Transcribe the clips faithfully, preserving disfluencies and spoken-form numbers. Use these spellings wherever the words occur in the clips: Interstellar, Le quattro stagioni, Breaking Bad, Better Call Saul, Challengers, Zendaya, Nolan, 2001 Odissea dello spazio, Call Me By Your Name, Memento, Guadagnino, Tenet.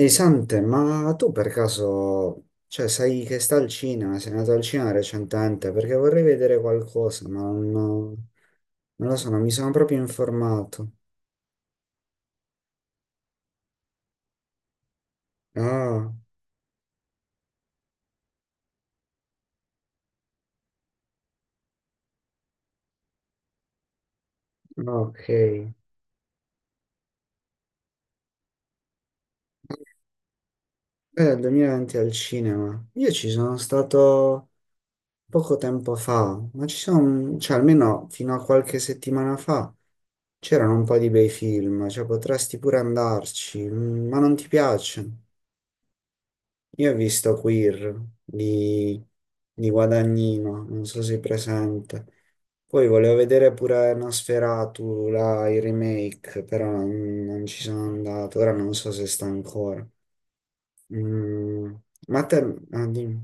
Ehi Sante, ma tu per caso, cioè, sai che sta al cinema, sei andato al cinema recentemente, perché vorrei vedere qualcosa, ma non, non lo so, non mi sono proprio informato. Ah, ok. Eh, duemilaventi al cinema. Io ci sono stato poco tempo fa, ma ci sono, cioè almeno fino a qualche settimana fa, c'erano un po' di bei film, cioè potresti pure andarci, mm, ma non ti piace? Io ho visto Queer di, di Guadagnino, non so se è presente. Poi volevo vedere pure Nosferatu, là, il remake, però non, non ci sono andato. Ora non so se sta ancora. Mm, ma te, ah, dimmi.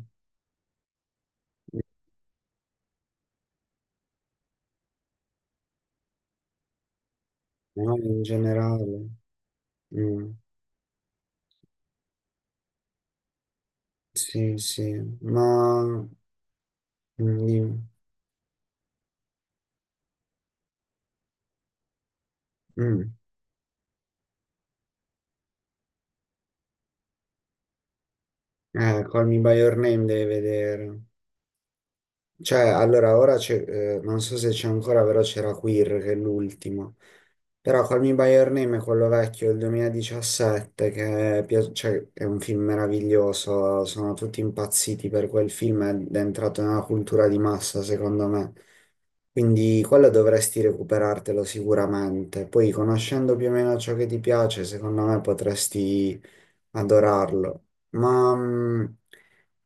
No, in generale. Mm, sì, sì, ma... mm, dimmi. Mm. Eh, Call Me By Your Name devi vedere. Cioè, allora, ora c'è, eh, non so se c'è ancora, però c'era Queer che è l'ultimo. Però Call Me By Your Name è quello vecchio del duemiladiciassette, che è, pia- cioè, è un film meraviglioso, sono tutti impazziti per quel film ed è entrato nella cultura di massa, secondo me. Quindi quello dovresti recuperartelo sicuramente. Poi, conoscendo più o meno ciò che ti piace, secondo me potresti adorarlo. Ma mh,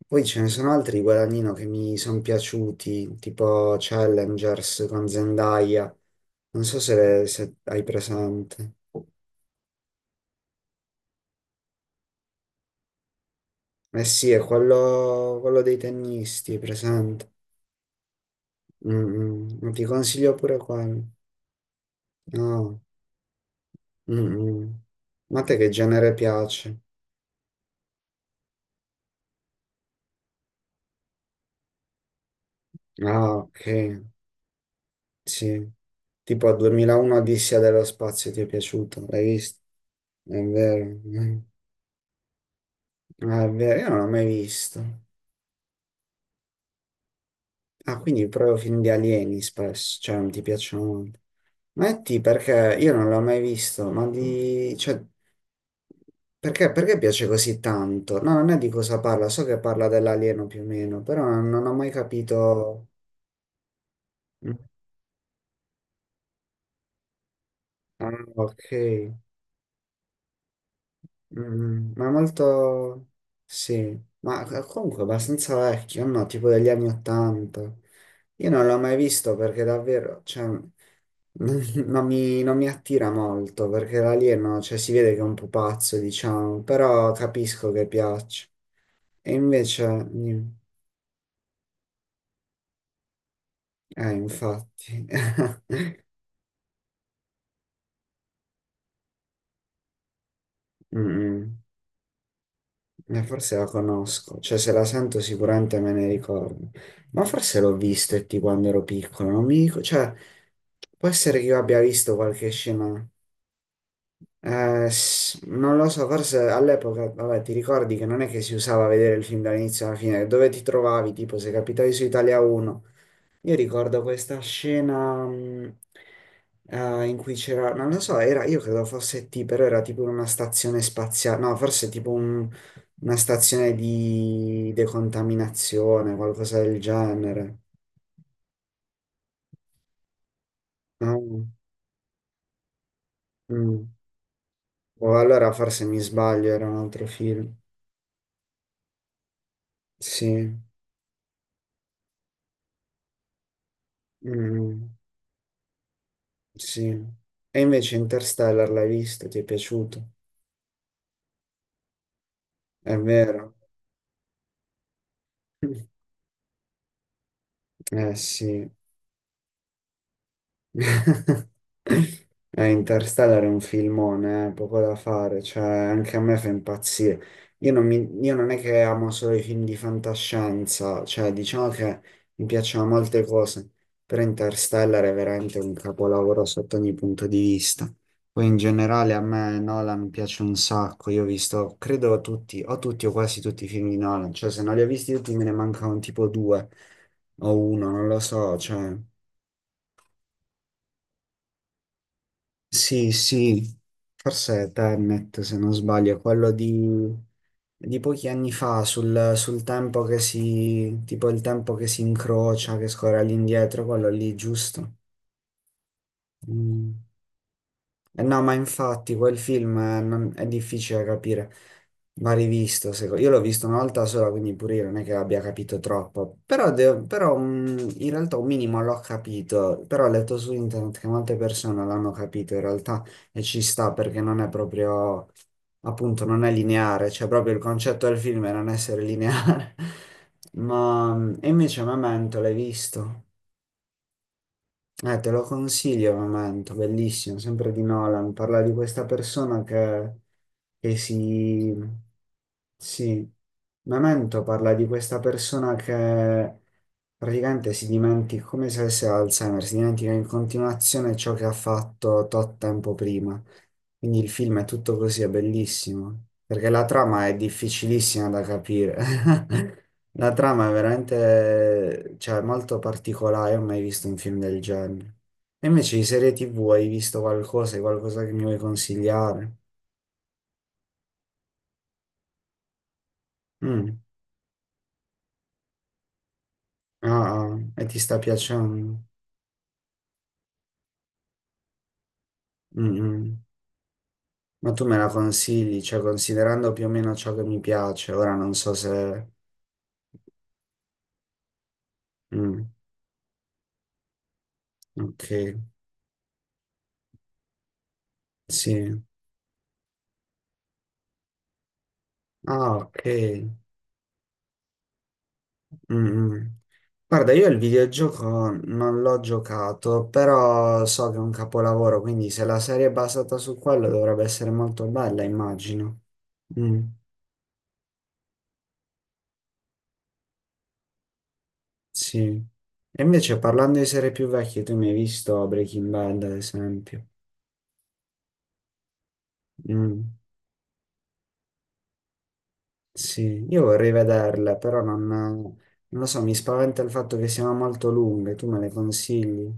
poi ce ne sono altri di Guadagnino che mi sono piaciuti, tipo Challengers con Zendaya. Non so se, se hai presente. Eh sì, è quello, quello dei tennisti, hai presente? Mm, mm. Ti consiglio pure quello. No. Mm, mm. Ma a te che genere piace? Ah, ok, sì. Tipo duemilauno Odissea dello spazio ti è piaciuto, l'hai visto? È vero, eh. Ah, è vero, io non l'ho mai visto. Ah, quindi proprio film di alieni spesso, cioè non ti piacciono molto. Metti perché io non l'ho mai visto, ma di... cioè, perché, perché piace così tanto? No, non è di cosa parla, so che parla dell'alieno più o meno, però non ho mai capito... Ah, ok. Mm, ma molto... Sì, ma comunque abbastanza vecchio, no? Tipo degli anni ottanta. Io non l'ho mai visto perché davvero, cioè, non mi, non mi attira molto perché l'alieno, cioè, si vede che è un pupazzo, diciamo, però capisco che piace. E invece, mm, eh, infatti, Mm, eh, forse la conosco, cioè, se la sento sicuramente me ne ricordo. Ma forse l'ho visto e ti quando ero piccolo, non mi ricordo, cioè, può essere che io abbia visto qualche scena. Eh, s- non lo so, forse all'epoca, vabbè, ti ricordi che non è che si usava vedere il film dall'inizio alla fine, dove ti trovavi, tipo se capitavi su Italia uno. Io ricordo questa scena mh, eh, in cui c'era, non lo so, era, io credo fosse T, però era tipo una stazione spaziale, no, forse tipo un- una stazione di decontaminazione, qualcosa del genere. No? Mm. O allora forse mi sbaglio, era un altro film. Sì, mm, sì. E invece Interstellar l'hai visto, ti è piaciuto? È vero. Eh sì, eh, Interstellar è un filmone, eh, poco da fare, cioè anche a me fa impazzire. Io non, mi- io non è che amo solo i film di fantascienza, cioè diciamo che mi piacciono molte cose, però Interstellar è veramente un capolavoro sotto ogni punto di vista. Poi in generale a me Nolan piace un sacco, io ho visto, credo tutti, o tutti o quasi tutti i film di Nolan, cioè se non li ho visti tutti me ne mancano tipo due o uno, non lo so, cioè... Sì, sì, forse è Tenet, se non sbaglio, è quello di, di pochi anni fa, sul, sul tempo che si, tipo il tempo che si incrocia, che scorre all'indietro, quello lì, giusto? Mm. Eh no, ma infatti quel film eh, non- è difficile da capire, va rivisto. seco- Io l'ho visto una volta sola, quindi pure io non è che abbia capito troppo, però, de- però, mh, in realtà un minimo l'ho capito, però ho letto su internet che molte persone l'hanno capito in realtà e ci sta perché non è proprio, appunto, non è lineare, cioè proprio il concetto del film è non essere lineare. Ma mh, e invece Memento l'hai visto? Eh, te lo consiglio, Memento, bellissimo, sempre di Nolan. Parla di questa persona che, che si... Sì, Memento parla di questa persona che praticamente si dimentica, come se avesse Alzheimer, si dimentica in continuazione ciò che ha fatto tot tempo prima. Quindi il film è tutto così, è bellissimo, perché la trama è difficilissima da capire. La trama è veramente, cioè, molto particolare, non ho mai visto un film del genere. E invece di serie ti vu hai visto qualcosa, hai qualcosa che mi vuoi consigliare? Mm. Ah, ah, e ti sta piacendo? Mm, mm. Ma tu me la consigli, cioè, considerando più o meno ciò che mi piace, ora non so se... Mm, ok, sì. Ah, ok. Mm, mm. Guarda, io il videogioco non l'ho giocato, però so che è un capolavoro, quindi se la serie è basata su quello dovrebbe essere molto bella, immagino. Mm, sì. E invece parlando di serie più vecchie, tu mi hai visto Breaking Bad, ad esempio. Mm, sì, io vorrei vederle, però non, non lo so, mi spaventa il fatto che siano molto lunghe, tu me le consigli?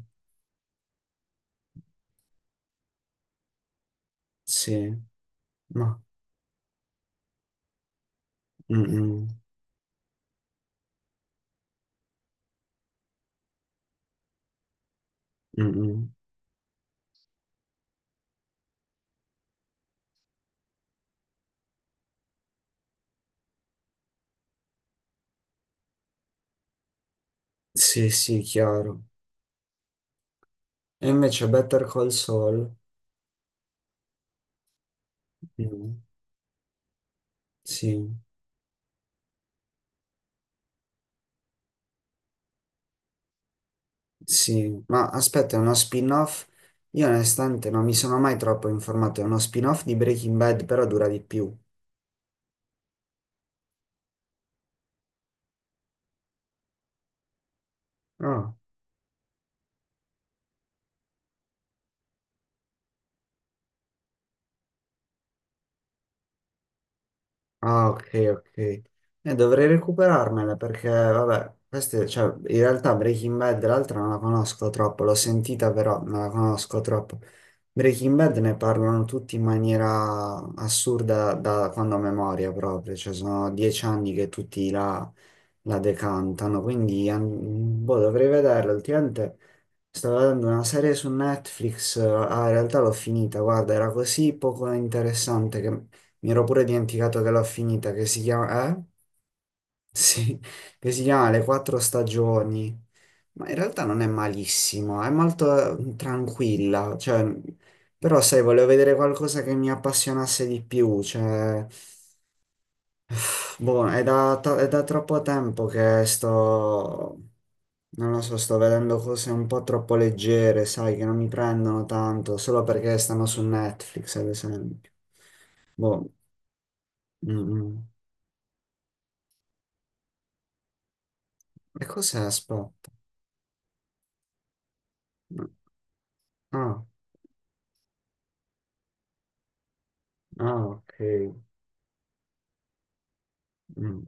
Sì, ma... Mm, mm, mm, mm. Sì, sì, chiaro. E invece Better Call Saul, no, sì, sì, ma aspetta, è uno spin-off? Io onestamente non mi sono mai troppo informato, è uno spin-off di Breaking Bad, però dura di più. Ah. Ah, ok, ok. Eh, dovrei recuperarmela perché, vabbè, queste, cioè, in realtà Breaking Bad l'altra non la conosco troppo, l'ho sentita però non la conosco troppo. Breaking Bad ne parlano tutti in maniera assurda da quando a memoria proprio, cioè sono dieci anni che tutti la, la decantano, quindi an- boh, dovrei vederla. Ultimamente stavo guardando una serie su Netflix, eh, ah, in realtà l'ho finita, guarda, era così poco interessante che mi ero pure dimenticato che l'ho finita, che si chiama, eh? Sì, che si chiama Le quattro stagioni, ma in realtà non è malissimo, è molto eh, tranquilla, cioè, però sai, volevo vedere qualcosa che mi appassionasse di più, cioè, boh, è da, to- è da troppo tempo che sto, non lo so, sto vedendo cose un po' troppo leggere, sai, che non mi prendono tanto, solo perché stanno su Netflix, ad esempio. Boh, mm, mm. E cos'è? Aspetta. Ah, ah, ok. Mm,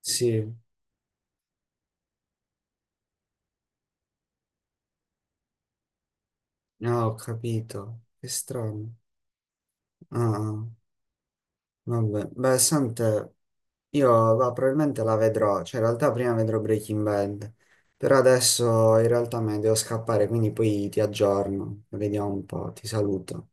sì, ah, ho capito. Che strano. Ah, ah, vabbè. Beh, sente, io va, probabilmente la vedrò, cioè in realtà prima vedrò Breaking Bad, però adesso in realtà me ne devo scappare, quindi poi ti aggiorno, vediamo un po', ti saluto.